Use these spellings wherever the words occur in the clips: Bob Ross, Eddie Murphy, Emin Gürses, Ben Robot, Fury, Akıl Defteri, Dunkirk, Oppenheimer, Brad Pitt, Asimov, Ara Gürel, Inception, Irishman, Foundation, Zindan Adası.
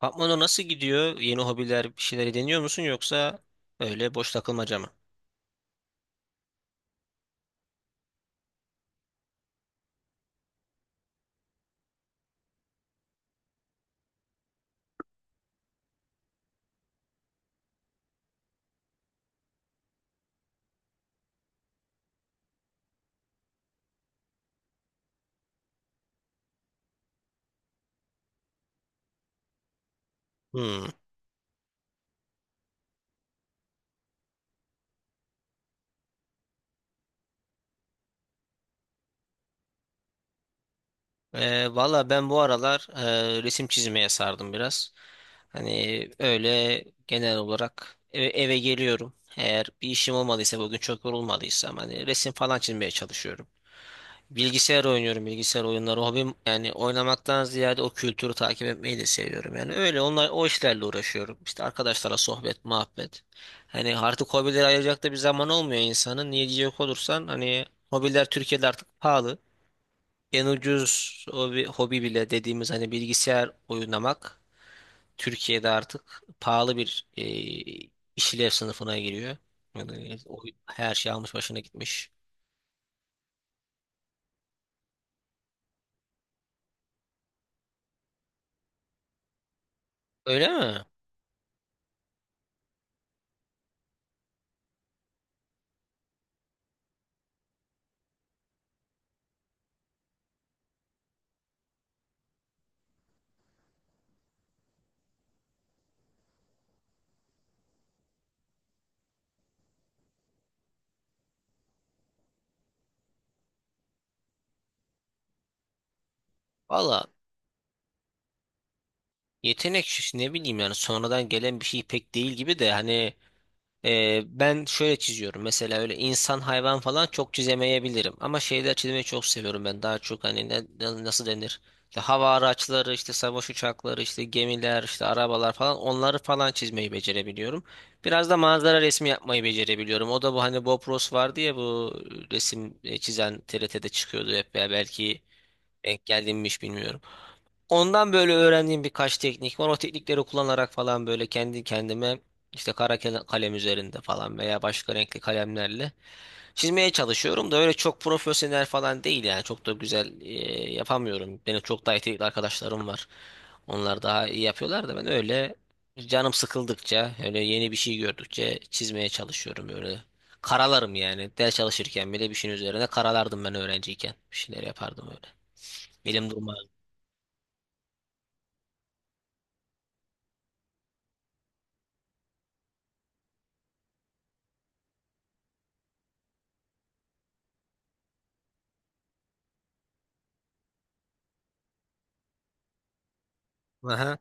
Patmano nasıl gidiyor? Yeni hobiler, bir şeyleri deniyor musun yoksa öyle boş takılmaca mı? Hmm. Valla ben bu aralar resim çizmeye sardım biraz. Hani öyle genel olarak eve geliyorum. Eğer bir işim olmadıysa bugün çok yorulmadıysam hani resim falan çizmeye çalışıyorum. Bilgisayar oynuyorum, bilgisayar oyunları hobim, yani oynamaktan ziyade o kültürü takip etmeyi de seviyorum. Yani öyle onlar, o işlerle uğraşıyorum. İşte arkadaşlarla sohbet, muhabbet. Hani artık hobilere ayıracak da bir zaman olmuyor insanın. Niye diyecek olursan, hani hobiler Türkiye'de artık pahalı. En ucuz hobi, hobi bile dediğimiz hani bilgisayar oynamak Türkiye'de artık pahalı bir işlev sınıfına giriyor. Yani her şey almış başına gitmiş. Öyle mi? Valla, yetenek şu, ne bileyim, yani sonradan gelen bir şey pek değil gibi de hani ben şöyle çiziyorum mesela, öyle insan hayvan falan çok çizemeyebilirim ama şeyler çizmeyi çok seviyorum. Ben daha çok hani nasıl denir, işte hava araçları, işte savaş uçakları, işte gemiler, işte arabalar falan, onları falan çizmeyi becerebiliyorum. Biraz da manzara resmi yapmayı becerebiliyorum. O da bu, hani Bob Ross vardı ya, bu resim çizen TRT'de çıkıyordu hep ya, belki denk geldim mi hiç bilmiyorum. Ondan böyle öğrendiğim birkaç teknik var. O teknikleri kullanarak falan böyle kendi kendime, işte kalem üzerinde falan veya başka renkli kalemlerle çizmeye çalışıyorum da, öyle çok profesyonel falan değil yani. Çok da güzel yapamıyorum. Benim çok daha yetenekli arkadaşlarım var. Onlar daha iyi yapıyorlar da, ben öyle canım sıkıldıkça, öyle yeni bir şey gördükçe çizmeye çalışıyorum öyle. Karalarım yani. Ders çalışırken bile bir şeyin üzerine karalardım ben öğrenciyken. Bir şeyler yapardım öyle. Elim durmaz. Aha.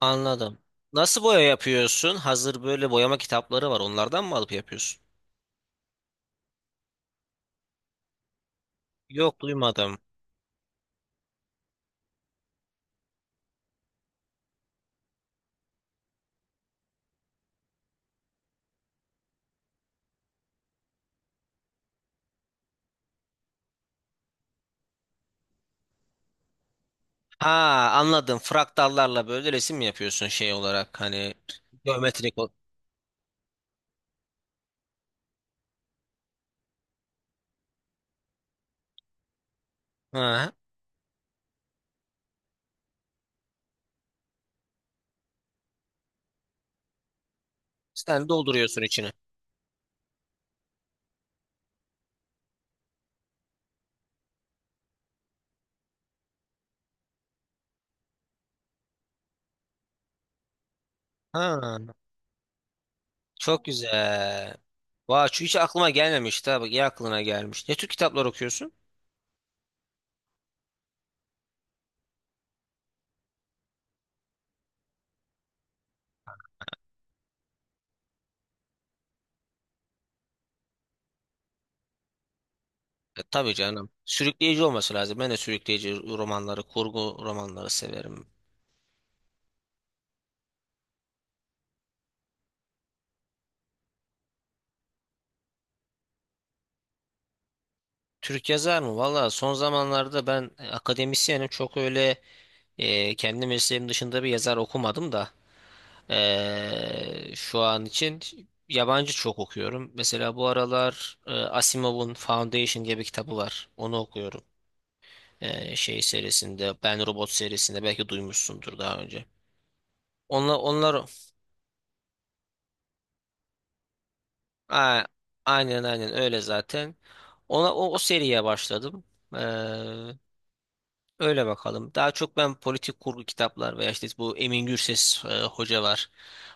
Anladım. Nasıl boya yapıyorsun? Hazır böyle boyama kitapları var. Onlardan mı alıp yapıyorsun? Yok, duymadım. Ha, anladım. Fraktallarla böyle resim mi yapıyorsun, şey olarak hani geometrik ol. Ha. Sen dolduruyorsun içini. Ha. Çok güzel. Vay, şu hiç aklıma gelmemişti ha. Bak, iyi aklına gelmiş. Ne tür kitaplar okuyorsun? E, tabii canım. Sürükleyici olması lazım. Ben de sürükleyici romanları, kurgu romanları severim. Türk yazar mı? Valla, son zamanlarda ben akademisyenim. Çok öyle kendi mesleğim dışında bir yazar okumadım da şu an için yabancı çok okuyorum. Mesela bu aralar Asimov'un Foundation diye bir kitabı var. Onu okuyorum. Şey serisinde, Ben Robot serisinde, belki duymuşsundur daha önce. Onlar, onlar a- aynen, aynen öyle zaten. Ona o seriye başladım. Ee, Öyle bakalım. Daha çok ben politik kurgu kitaplar veya işte bu Emin Gürses hoca var.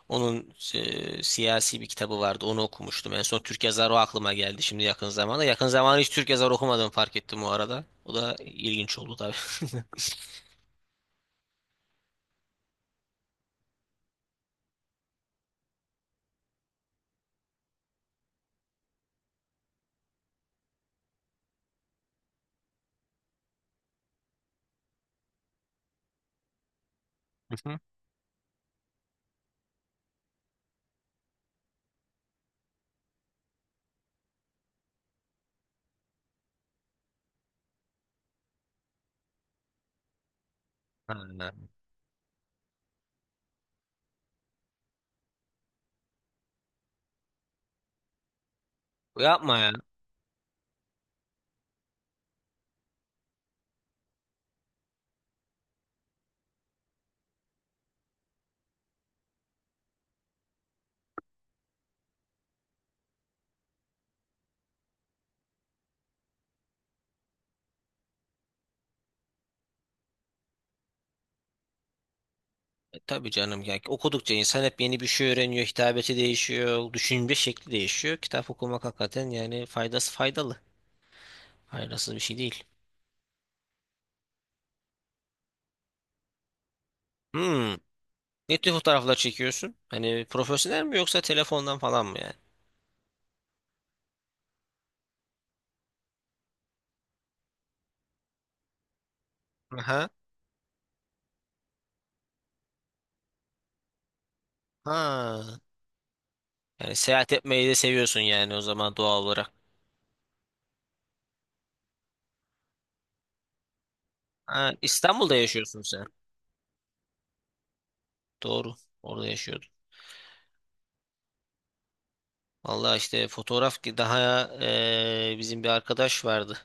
Onun siyasi bir kitabı vardı. Onu okumuştum. En son Türk yazarı o, aklıma geldi şimdi yakın zamanda. Yakın zamanda hiç Türk yazarı okumadım, fark ettim o arada. O da ilginç oldu tabii. Hı hı. Ha, yapma ya. E, tabii canım ya. Okudukça insan hep yeni bir şey öğreniyor. Hitabeti değişiyor. Düşünce şekli değişiyor. Kitap okumak hakikaten yani faydası, faydalı. Faydasız bir şey değil. Hmm. Ne tür fotoğraflar çekiyorsun? Hani profesyonel mi, yoksa telefondan falan mı yani? Aha. Ha. Yani seyahat etmeyi de seviyorsun yani, o zaman doğal olarak. Ha, İstanbul'da yaşıyorsun sen. Doğru. Orada yaşıyordun. Vallahi, işte fotoğraf ki daha bizim bir arkadaş vardı.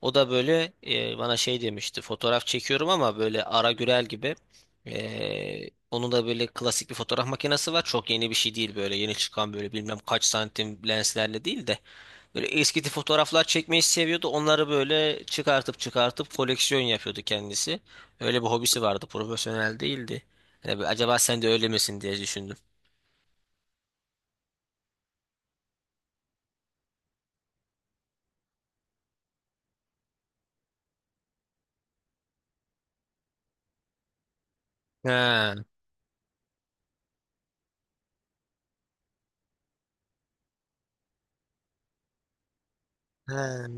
O da böyle, bana şey demişti. Fotoğraf çekiyorum ama böyle Ara Gürel gibi. Eee, onun da böyle klasik bir fotoğraf makinesi var. Çok yeni bir şey değil böyle. Yeni çıkan böyle bilmem kaç santim lenslerle değil de, böyle eski tip fotoğraflar çekmeyi seviyordu. Onları böyle çıkartıp çıkartıp koleksiyon yapıyordu kendisi. Öyle bir hobisi vardı. Profesyonel değildi. Yani bir, acaba sen de öyle misin diye düşündüm. Ha, ha.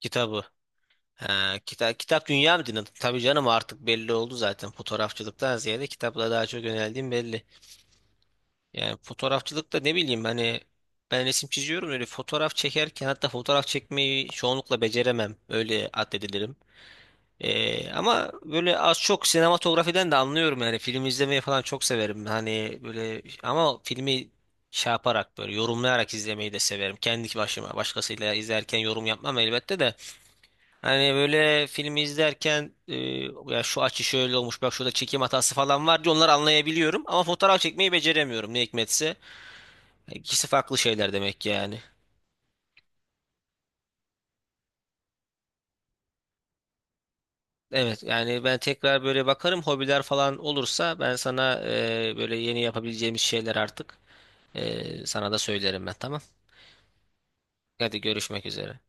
Kitabı. Ha, kitap, kitap dünya mı dinledin? Tabii canım, artık belli oldu zaten. Fotoğrafçılıktan ziyade kitapla daha çok yöneldiğim belli. Yani fotoğrafçılıkta ne bileyim hani, ben resim çiziyorum öyle, fotoğraf çekerken hatta fotoğraf çekmeyi çoğunlukla beceremem. Öyle addedilirim. Ama böyle az çok sinematografiden de anlıyorum yani, film izlemeyi falan çok severim hani böyle, ama filmi şey yaparak, böyle yorumlayarak izlemeyi de severim kendi başıma. Başkasıyla izlerken yorum yapmam elbette de, hani böyle filmi izlerken ya şu açı şöyle olmuş, bak şurada çekim hatası falan var diye onları anlayabiliyorum, ama fotoğraf çekmeyi beceremiyorum ne hikmetse. İkisi farklı şeyler demek ki yani. Evet yani, ben tekrar böyle bakarım, hobiler falan olursa ben sana böyle yeni yapabileceğimiz şeyler artık sana da söylerim ben, tamam. Hadi, görüşmek üzere.